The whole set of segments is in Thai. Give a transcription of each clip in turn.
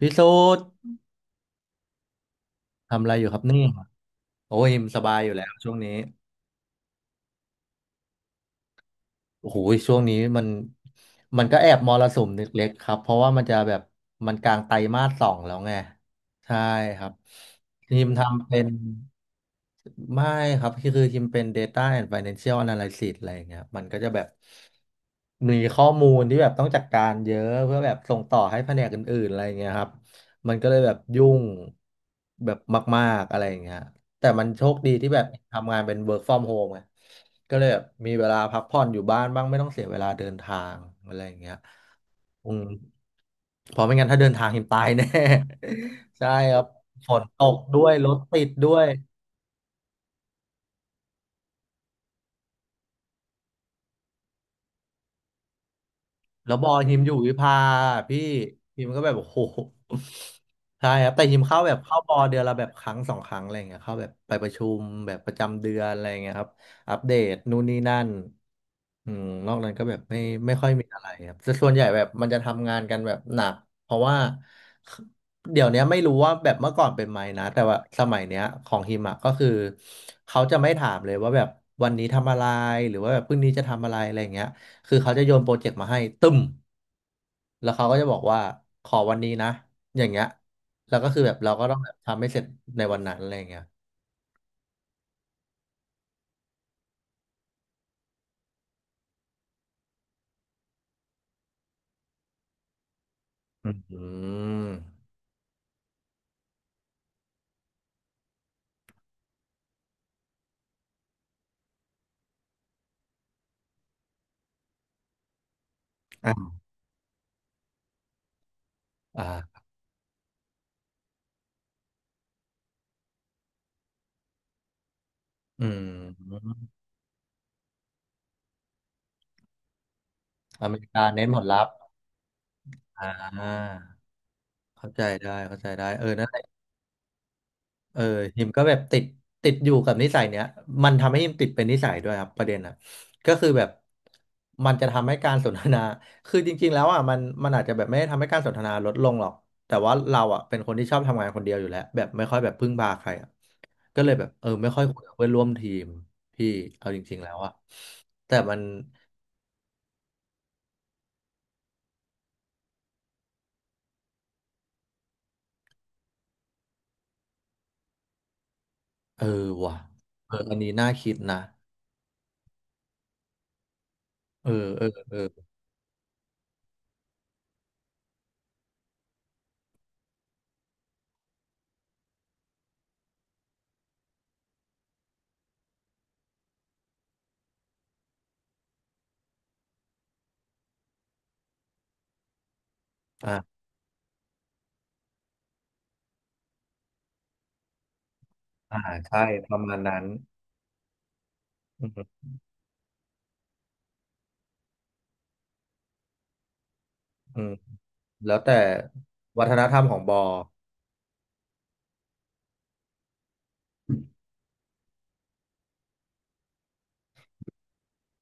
พี่สูดทำอะไรอยู่ครับเนี่ยโอ้ยสบายอยู่แล้วช่วงนี้โอ้โหช่วงนี้มันก็แอบมรสุมเล็กๆครับเพราะว่ามันจะแบบมันกลางไตรมาสสองแล้วไงใช่ครับทีมทำเป็น ไม่ครับคือคิมเป็น Data and Financial Analysis อะไรอย่างเงี้ยมันก็จะแบบมีข้อมูลที่แบบต้องจัดการเยอะเพื่อแบบส่งต่อให้แผนกอื่นๆอะไรอย่างเงี้ยครับมันก็เลยแบบยุ่งแบบมากๆอะไรอย่างเงี้ยแต่มันโชคดีที่แบบทำงานเป็น work from home ไงก็เลยแบบมีเวลาพักผ่อนอยู่บ้านบ้างไม่ต้องเสียเวลาเดินทางอะไรอย่างเงี้ยอืมเพราะไม่งั้นถ้าเดินทาง หิมตายแน่ ใช่ครับฝนตกด้วยรถติดด้วย แล้วบอลฮิมอยู่วิภาพี่ฮิมก็แบบโอ้โหใช่ครับแต่ฮิมเข้าแบบเข้าบอลเดือนละแบบครั้งสองครั้งอะไรอย่างเงี้ยเข้าแบบไปประชุมแบบประจำเดือนอะไรอย่างเงี้ยครับอัปเดตนู่นนี่นั่นอืมนอกนั้นก็แบบไม่ไม่ค่อยมีอะไรครับแต่ส่วนใหญ่แบบมันจะทำงานกันแบบหนักเพราะว่าเดี๋ยวเนี้ยไม่รู้ว่าแบบเมื่อก่อนเป็นไหมนะแต่ว่าสมัยเนี้ยของฮิมอะก็คือเขาจะไม่ถามเลยว่าแบบวันนี้ทำอะไรหรือว่าแบบพรุ่งนี้จะทำอะไรอะไรอย่างเงี้ย คือเขาจะโยนโปรเจกต์มาให้ตึ้มแล้วเขาก็จะบอกว่าขอวันนี้นะอย่างเงี้ยแล้วก็คือแบบเราก็ต้องแบบทำให้เสร็จในวันนั้นอะไรอย่างเงี้ยอืมอ่ะอ่าอืมอเมริกาเน้นผลลัพธ์อ่าเข้าใจได้เข้าใจได้เออนั่นแหละ เออฮิมก็แบบติดอยู่กับนิสัยเนี้ยมันทำให้ฮิมติดเป็นนิสัยด้วยครับประเด็นอ่ะก็คือแบบมันจะทำให้การสนทนา คือจริงๆแล้วอ่ะมันอาจจะแบบไม่ได้ทำให้การสนทนาลดลงหรอกแต่ว่าเราอ่ะเป็นคนที่ชอบทำงานคนเดียวอยู่แล้วแบบไม่ค่อยแบบพึ่งพาใครอ่ะก็เลยแบบเออไม่ค่อยคุยกับเพื่อนร่วมทีมพี่เอาจริงๆแล้วอ่ะแต่มันเออว่ะเอออันนี้น่าคิดนะเออเออเอออ่าอ่าใช่ประมาณนั้นอืมอืม แล้วแต่วัฒนธรรมของบอ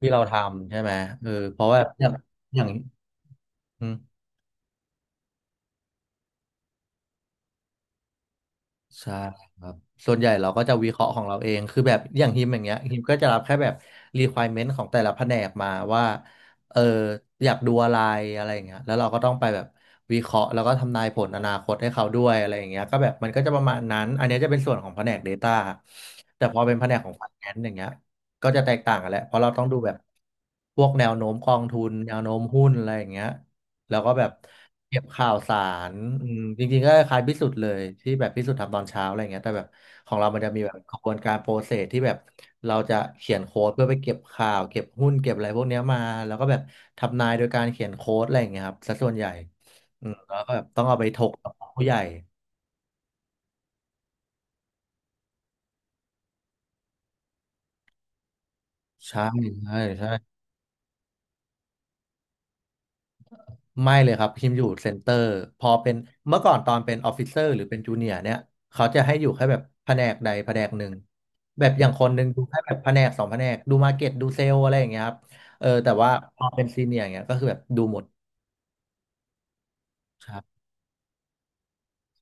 ที่เราทำใช่ไหมเออเพราะว่าอย่างอย่างอืม ใช่ครับส่วนใหญ่เราก็จะวิเคราะห์ของเราเองคือแบบอย่างฮิมอย่างเงี้ยฮิมก็จะรับแค่แบบ requirement ของแต่ละแผนกมาว่าเอออยากดูอะไรอะไรอย่างเงี้ยแล้วเราก็ต้องไปแบบวิเคราะห์แล้วก็ทำนายผลอนาคตให้เขาด้วยอะไรอย่างเงี้ยก็แบบมันก็จะประมาณนั้นอันเนี้ยจะเป็นส่วนของแผนก Data แต่พอเป็นแผนกของ Finance อย่างเงี้ยก็จะแตกต่างกันแหละเพราะเราต้องดูแบบพวกแนวโน้มกองทุนแนวโน้มหุ้นอะไรอย่างเงี้ย แล้วก็แบบเก็บข่าวสารอืมจริงๆก็คล้ายพิสุทธ์เลยที่แบบพิสุทธ์ทำตอนเช้าอะไรเงี้ยแต่แบบของเรามันจะมีแบบกระบวนการโปรเซสที่แบบเราจะเขียนโค้ดเพื่อไปเก็บข่าวเก็บหุ้นเก็บอะไรพวกเนี้ยมาแล้วก็แบบทำนายโดยการเขียนโค้ดอะไรอย่างเงี้ยครับซะส่วนใหญ่อืมแล้วก็แบบต้องเอาไปถกกับผู้ใหญ่ใช่ใช่ใช่ ไม่เลยครับพิมอยู่เซ็นเตอร์พอเป็นเมื่อก่อนตอนเป็นออฟฟิเซอร์หรือเป็นจูเนียร์เนี่ยเขาจะให้อยู่แค่แบบแผนกใดแผนกหนึ่งแบบอย่างคนหนึ่งดูแค่แบบแผนกสองแผนกดูมาร์เก็ตดูเซลอะไรอย่างเงี้ยครับเออแต่ว่าพอเป็นซีเนียร์เงี้ยก็คือแบบดูหมด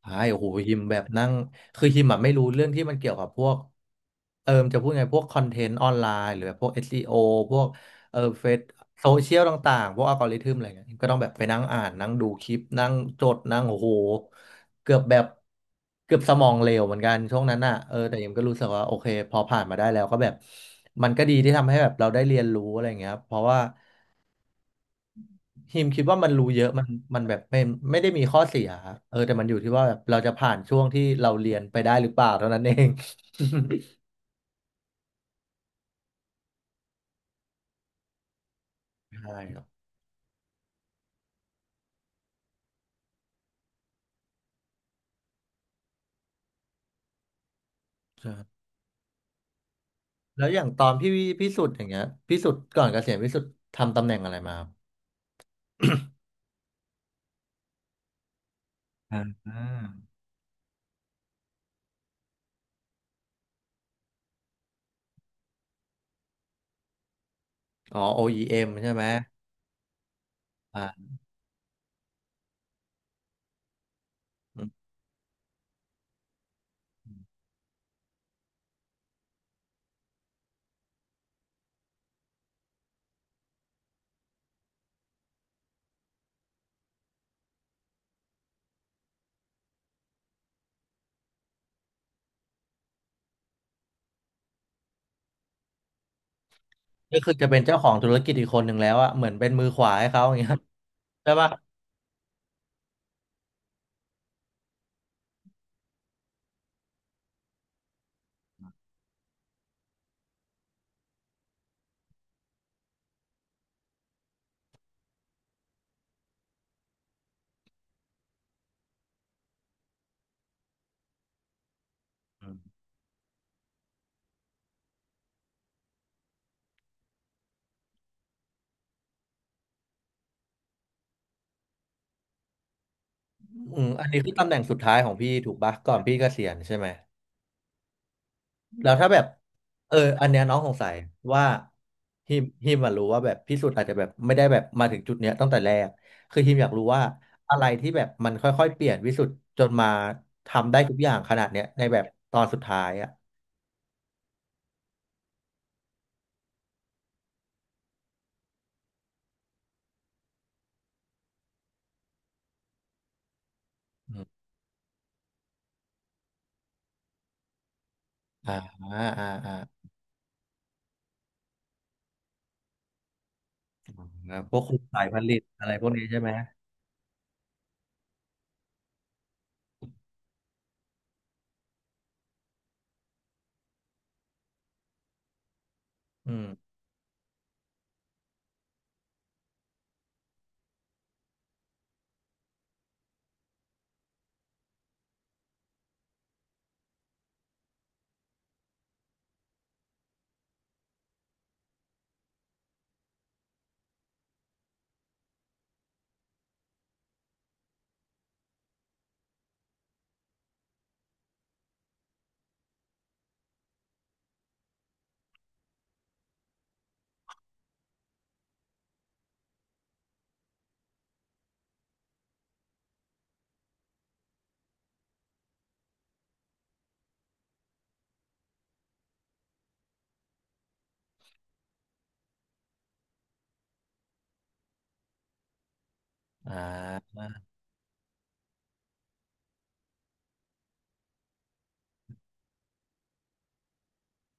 ใช่โอ้โหฮิมแบบนั่ง คือฮิมอะไม่รู้เรื่องที่มันเกี่ยวกับพวกเออมนจะพูดไงพวกคอนเทนต์ออนไลน์หรือแบบพวก SEO พวกเออเฟซโซเชียลต่างๆ พวกอัลกอริทึมอะไรเงี้ยฮิมก็ต้องแบบไปนั่งอ่านนั่งดูคลิปนั่งจดนั่งโอ้โหเกือบแบบเกือบสมองเหลวเหมือนกันช่วงนั้นอ่ะเออแต่ฮิมก็รู้สึกว่าโอเคพอผ่านมาได้แล้วก็แบบมันก็ดีที่ทำให้แบบเราได้เรียนรู้อะไรเงี้ยครับเพราะว่า ฮิมคิดว่ามันรู้เยอะมันมันแบบไม่ไม่ได้มีข้อเสียครับเออแต่มันอยู่ที่ว่าแบบเราจะผ่านช่วงที่เราเรียนไปได้หรือเปล่าเท่านั้นเอง ใช่ครับใช่แล้วอย่างตอนพี่พิสุทธิ์อย่างเงี้ยพิสุทธิ์ก่อนเกษียณพิสุทธิ์ทำตำแหน่งอะไรมาครับอ่าอ๋อ OEM ใช่ไหมอ่าอืมก็คือจะเป็นเจ้าของธุรกิจอีกคนหนึ่งแล้วอะเหมือนเป็นมือขวาให้เขาอย่างเงี้ยใช่ปะอืมอืมอันนี้คือตำแหน่งสุดท้ายของพี่ถูกปะก่อนพี่เกษียณใช่ไหม แล้วถ้าแบบอันเนี้ยน้องสงสัยว่าฮิมอะรู้ว่าแบบพิสูจน์อาจจะแบบไม่ได้แบบมาถึงจุดเนี้ยตั้งแต่แรกคือฮิมอยากรู้ว่าอะไรที่แบบมันค่อยๆเปลี่ยนวิสุทธ์จนมาทำได้ทุกอย่างขนาดเนี้ยในแบบตอนสุดท้ายอ่ะอืมอ่าอ่าอ่าอ่าพวกคุมสายผลิตอะไรพวกนี้ใช่ไหมอืมอ่า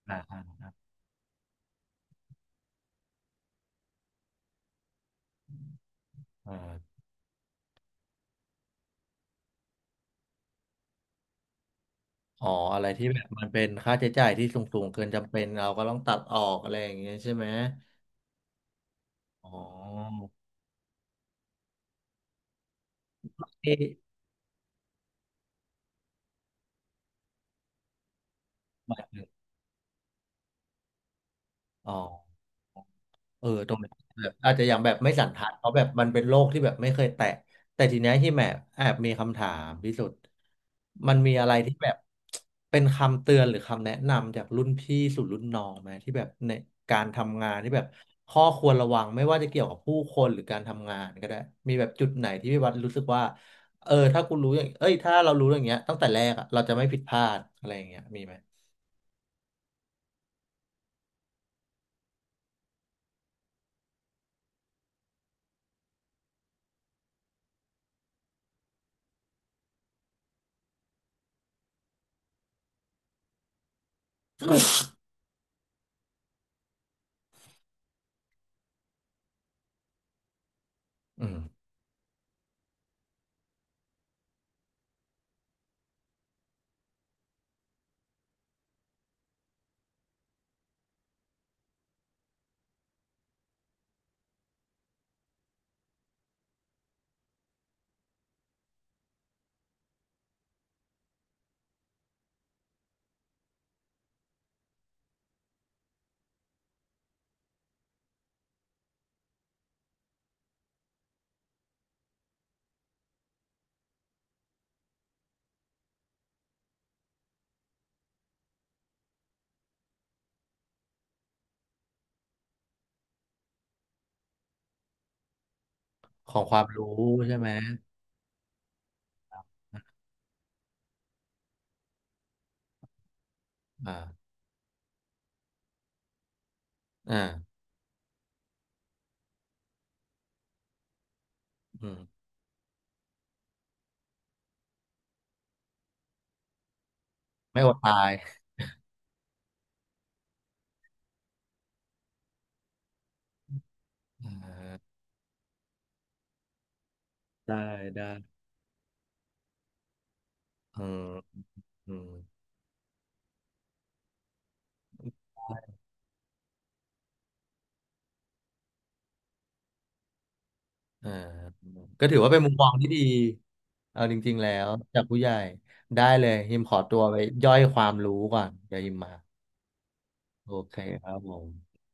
อ่าอ่าอ่าอ๋ออะไรที่แบบมันเป็นค่าใช้จ่ายที่สูงๆเกินจำเป็นเราก็ต้องตัดออกอะไรอย่างเงี้ยใช่ไหมอ๋อที่ อ๋อตรงนี้แบบอาจจะยังแบบไม่สันทัดเพราะแบบมันเป็นโลกที่แบบไม่เคยแตะ แต่ทีเนี้ยที่แมบแอบมีคำถามพิสุทธิ์มันมีอะไรที่แบบเป็นคำเตือนหรือคำแนะนำจากรุ่นพี่สู่รุ่นน้องไหมที่แบบในการทำงานที่แบบข้อควรระวังไม่ว่าจะเกี่ยวกับผู้คนหรือการทำงานก็ได้มีแบบจุดไหนที่พี่วัดรู้สึกว่าถ้ากูรู้อย่างเอ้ยถ้าเรารู้อย่างเงี้ยตั้งแต่แรกอะเราจะไม่ผิดพลาดอะไรอย่างเงี้ยมีไหมอืมของความรู้ใช่ไหมอ่าอ่า อืมไม่อดตายอ่าได้ได้อืมอืมอ่าก็ถือว่าเป็นมุมมองที่ดี เอาจริงๆแล้วจากผู้ใหญ่ได้เลยฮิมขอตัวไปย่อยความรู้ก่อนเดี๋ยวฮิมมา โอเคครับผม